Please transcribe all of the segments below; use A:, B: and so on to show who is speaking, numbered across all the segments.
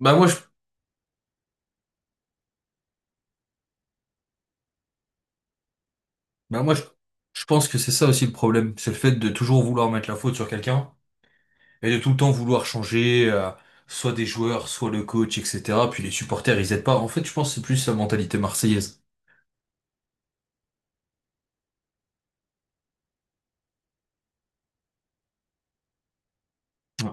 A: Bah moi, je, bah moi je, je pense que c'est ça aussi le problème, c'est le fait de toujours vouloir mettre la faute sur quelqu'un et de tout le temps vouloir changer, soit des joueurs, soit le coach, etc. Puis les supporters, ils aident pas. En fait, je pense que c'est plus la mentalité marseillaise. Ouais.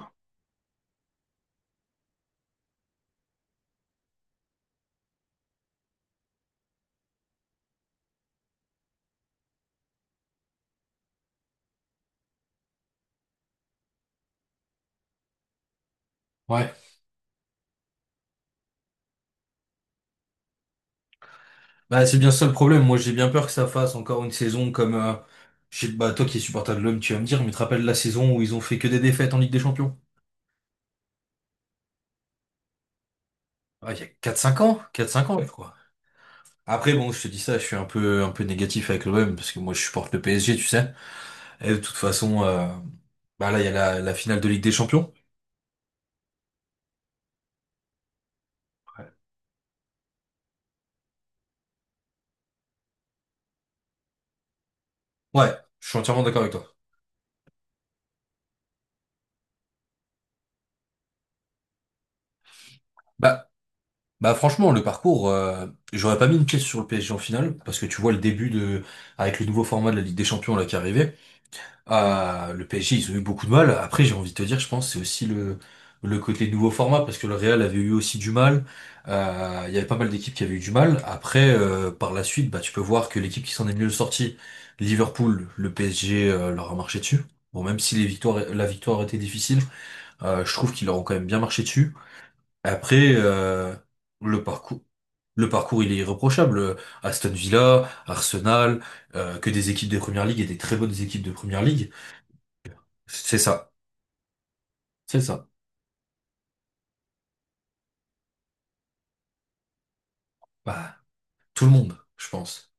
A: Ouais. Bah c'est bien ça le problème. Moi, j'ai bien peur que ça fasse encore une saison comme, bah toi qui es supporter de l'homme, tu vas me dire, mais tu te rappelles la saison où ils ont fait que des défaites en Ligue des Champions? Ah, il y a quatre cinq ans, je crois. Après, bon, je te dis ça, je suis un peu négatif avec l'OM parce que moi, je supporte le PSG, tu sais. Et de toute façon, bah là, il y a la finale de Ligue des Champions. Ouais, je suis entièrement d'accord avec toi. Bah, bah franchement, le parcours, j'aurais pas mis une pièce sur le PSG en finale, parce que tu vois le début de, avec le nouveau format de la Ligue des Champions là qui arrivait. Ah, le PSG, ils ont eu beaucoup de mal. Après, j'ai envie de te dire, je pense, c'est aussi le côté nouveau format, parce que le Real avait eu aussi du mal. Il y avait pas mal d'équipes qui avaient eu du mal. Après, par la suite, bah, tu peux voir que l'équipe qui s'en est mieux sortie, Liverpool, le PSG, leur a marché dessus. Bon, même si les victoires, la victoire était difficile, je trouve qu'ils leur ont quand même bien marché dessus. Après, le parcours, le parcours, il est irréprochable. Aston Villa, Arsenal, que des équipes de Première Ligue et des très bonnes équipes de Première Ligue. C'est ça. C'est ça. Bah, tout le monde, je pense.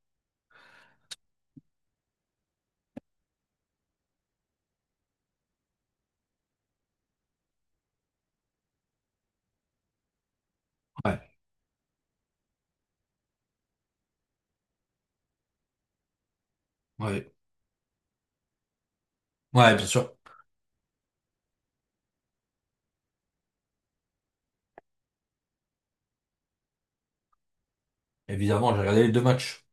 A: Ouais, ouais, ouais, bien sûr. Évidemment, j'ai regardé les deux matchs.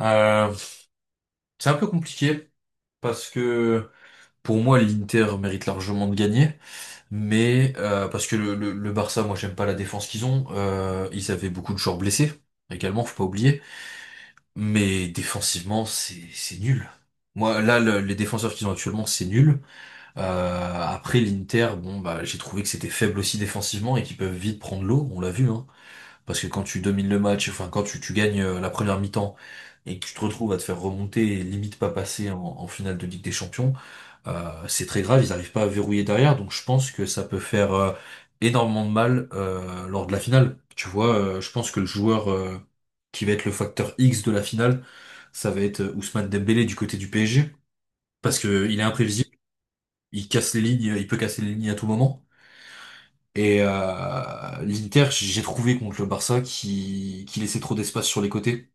A: Euh, c'est un peu compliqué parce que pour moi, l'Inter mérite largement de gagner, mais parce que le Barça, moi, j'aime pas la défense qu'ils ont. Ils avaient beaucoup de joueurs blessés également, faut pas oublier. Mais défensivement, c'est nul. Moi, là, les défenseurs qu'ils ont actuellement, c'est nul. Euh, Après, l'Inter, bon, bah, j'ai trouvé que c'était faible aussi défensivement et qu'ils peuvent vite prendre l'eau. On l'a vu, hein. Parce que quand tu domines le match, enfin quand tu gagnes la première mi-temps et que tu te retrouves à te faire remonter et limite pas passer en, en finale de Ligue des Champions, c'est très grave, ils n'arrivent pas à verrouiller derrière, donc je pense que ça peut faire énormément de mal lors de la finale. Tu vois, je pense que le joueur qui va être le facteur X de la finale, ça va être Ousmane Dembélé du côté du PSG, parce que il est imprévisible, il casse les lignes, il peut casser les lignes à tout moment. Et l'Inter, j'ai trouvé contre le Barça qui laissait trop d'espace sur les côtés.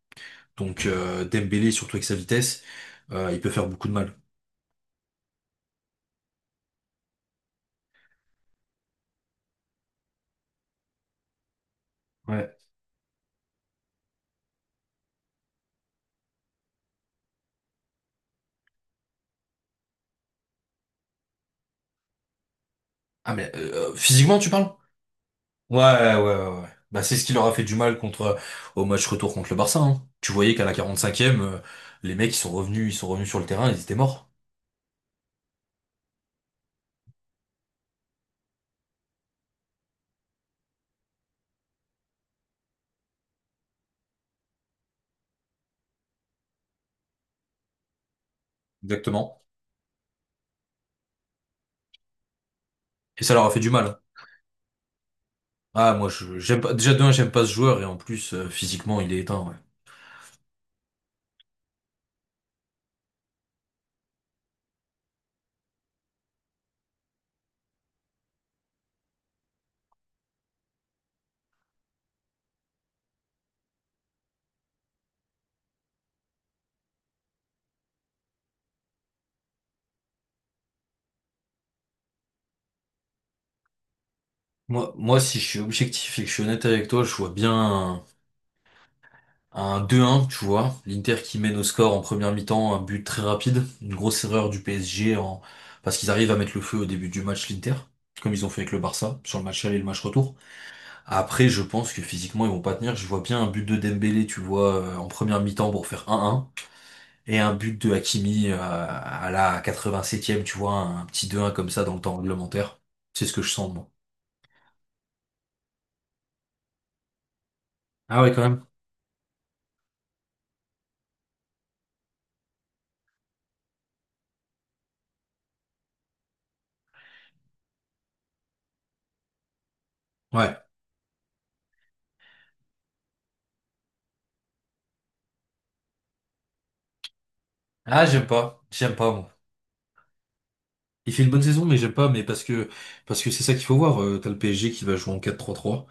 A: Donc Dembélé, surtout avec sa vitesse, il peut faire beaucoup de mal. Ouais. Ah mais physiquement tu parles? Ouais, ouais, ouais, ouais. Bah c'est ce qui leur a fait du mal contre au match retour contre le Barça, hein. Tu voyais qu'à la 45e, les mecs ils sont revenus sur le terrain, ils étaient morts. Exactement. Et ça leur a fait du mal, hein. Ah moi je j'aime pas déjà de un, j'aime pas ce joueur et en plus physiquement il est éteint, ouais. Moi, moi si je suis objectif et que je suis honnête avec toi, je vois bien. Un deux un, tu vois. L'Inter qui mène au score en première mi-temps, un but très rapide. Une grosse erreur du PSG en... parce qu'ils arrivent à mettre le feu au début du match l'Inter, comme ils ont fait avec le Barça, sur le match aller et le match retour. Après, je pense que physiquement, ils vont pas tenir. Je vois bien un but de Dembélé, tu vois, en première mi-temps pour faire un un. Et un but de Hakimi à la 87e, tu vois, un petit deux un comme ça dans le temps réglementaire. C'est ce que je sens, moi. Ah ouais, quand même. Ouais. Ah, j'aime pas. J'aime pas, moi. Il fait une bonne saison, mais j'aime pas, mais parce que c'est ça qu'il faut voir. T'as le PSG qui va jouer en 4-3-3,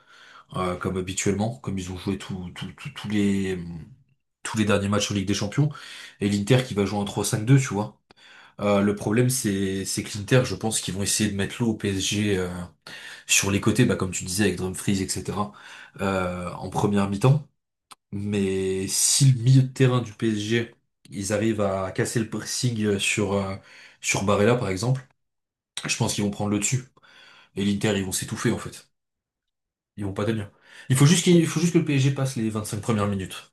A: comme habituellement, comme ils ont joué tous les derniers matchs en Ligue des Champions, et l'Inter qui va jouer en 3-5-2, tu vois. Le problème, c'est que l'Inter, je pense qu'ils vont essayer de mettre l'eau au PSG sur les côtés, bah, comme tu disais avec Dumfries, etc., en première mi-temps. Mais si le milieu de terrain du PSG, ils arrivent à casser le pressing sur Barella par exemple, je pense qu'ils vont prendre le dessus. Et l'Inter, ils vont s'étouffer en fait. Ils vont pas tenir. Il faut juste que le PSG passe les 25 premières minutes.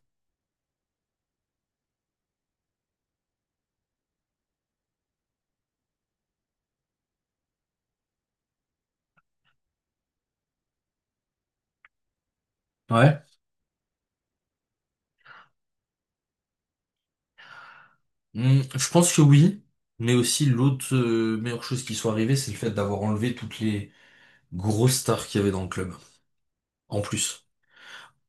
A: Ouais. Hmm, je pense que oui, mais aussi l'autre meilleure chose qui soit arrivée, c'est le fait d'avoir enlevé toutes les grosses stars qu'il y avait dans le club, en plus.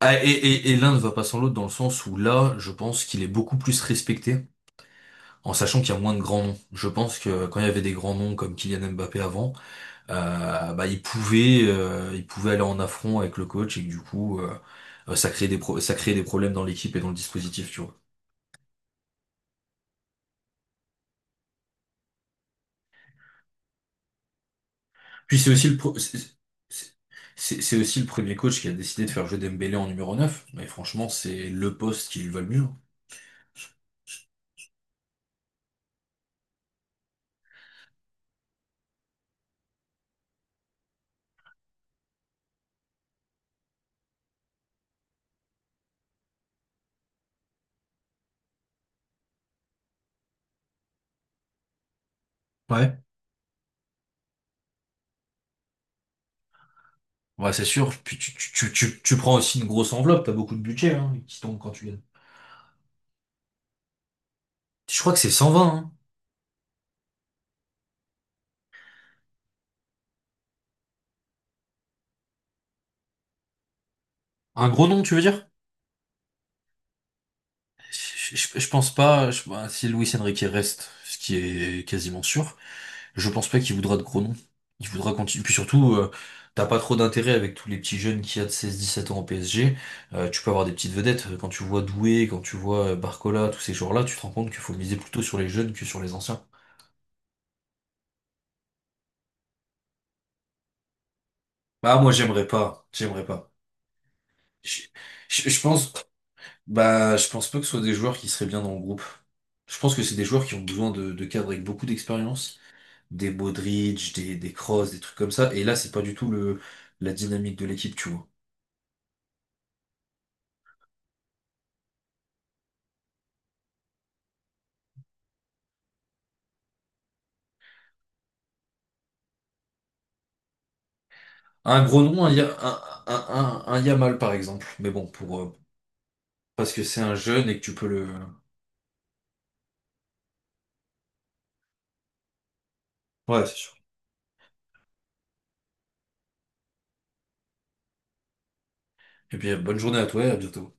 A: Ah, et l'un ne va pas sans l'autre dans le sens où là, je pense qu'il est beaucoup plus respecté, en sachant qu'il y a moins de grands noms. Je pense que quand il y avait des grands noms comme Kylian Mbappé avant, bah, il pouvait aller en affront avec le coach et que du coup, ça crée des problèmes dans l'équipe et dans le dispositif, tu vois. Puis c'est aussi le pro- c'est- c'est aussi le premier coach qui a décidé de faire jouer Dembélé en numéro 9. Mais franchement, c'est le poste qui lui va le mieux. Ouais. Ouais, c'est sûr. Puis tu prends aussi une grosse enveloppe, t'as beaucoup de budget hein, qui tombe quand tu gagnes. Je crois que c'est 120, hein. Un gros nom, tu veux dire? Je pense pas. Bah, si Luis Enrique reste, ce qui est quasiment sûr, je pense pas qu'il voudra de gros noms. Il voudra continuer. Puis surtout, t'as pas trop d'intérêt avec tous les petits jeunes qu'il y a de 16-17 ans au PSG. Tu peux avoir des petites vedettes. Quand tu vois Doué, quand tu vois Barcola, tous ces joueurs-là, tu te rends compte qu'il faut miser plutôt sur les jeunes que sur les anciens. Bah moi j'aimerais pas, j'aimerais pas. Je, je pense, bah je pense pas que ce soit des joueurs qui seraient bien dans le groupe. Je pense que c'est des joueurs qui ont besoin de, cadres avec beaucoup d'expérience des Modric, des Kroos, des trucs comme ça. Et là, c'est pas du tout la dynamique de l'équipe, tu vois. Un gros nom, un, Ya- un Yamal, par exemple. Mais bon, parce que c'est un jeune et que tu peux le... Ouais, c'est sûr. Et puis, bonne journée à toi et à bientôt.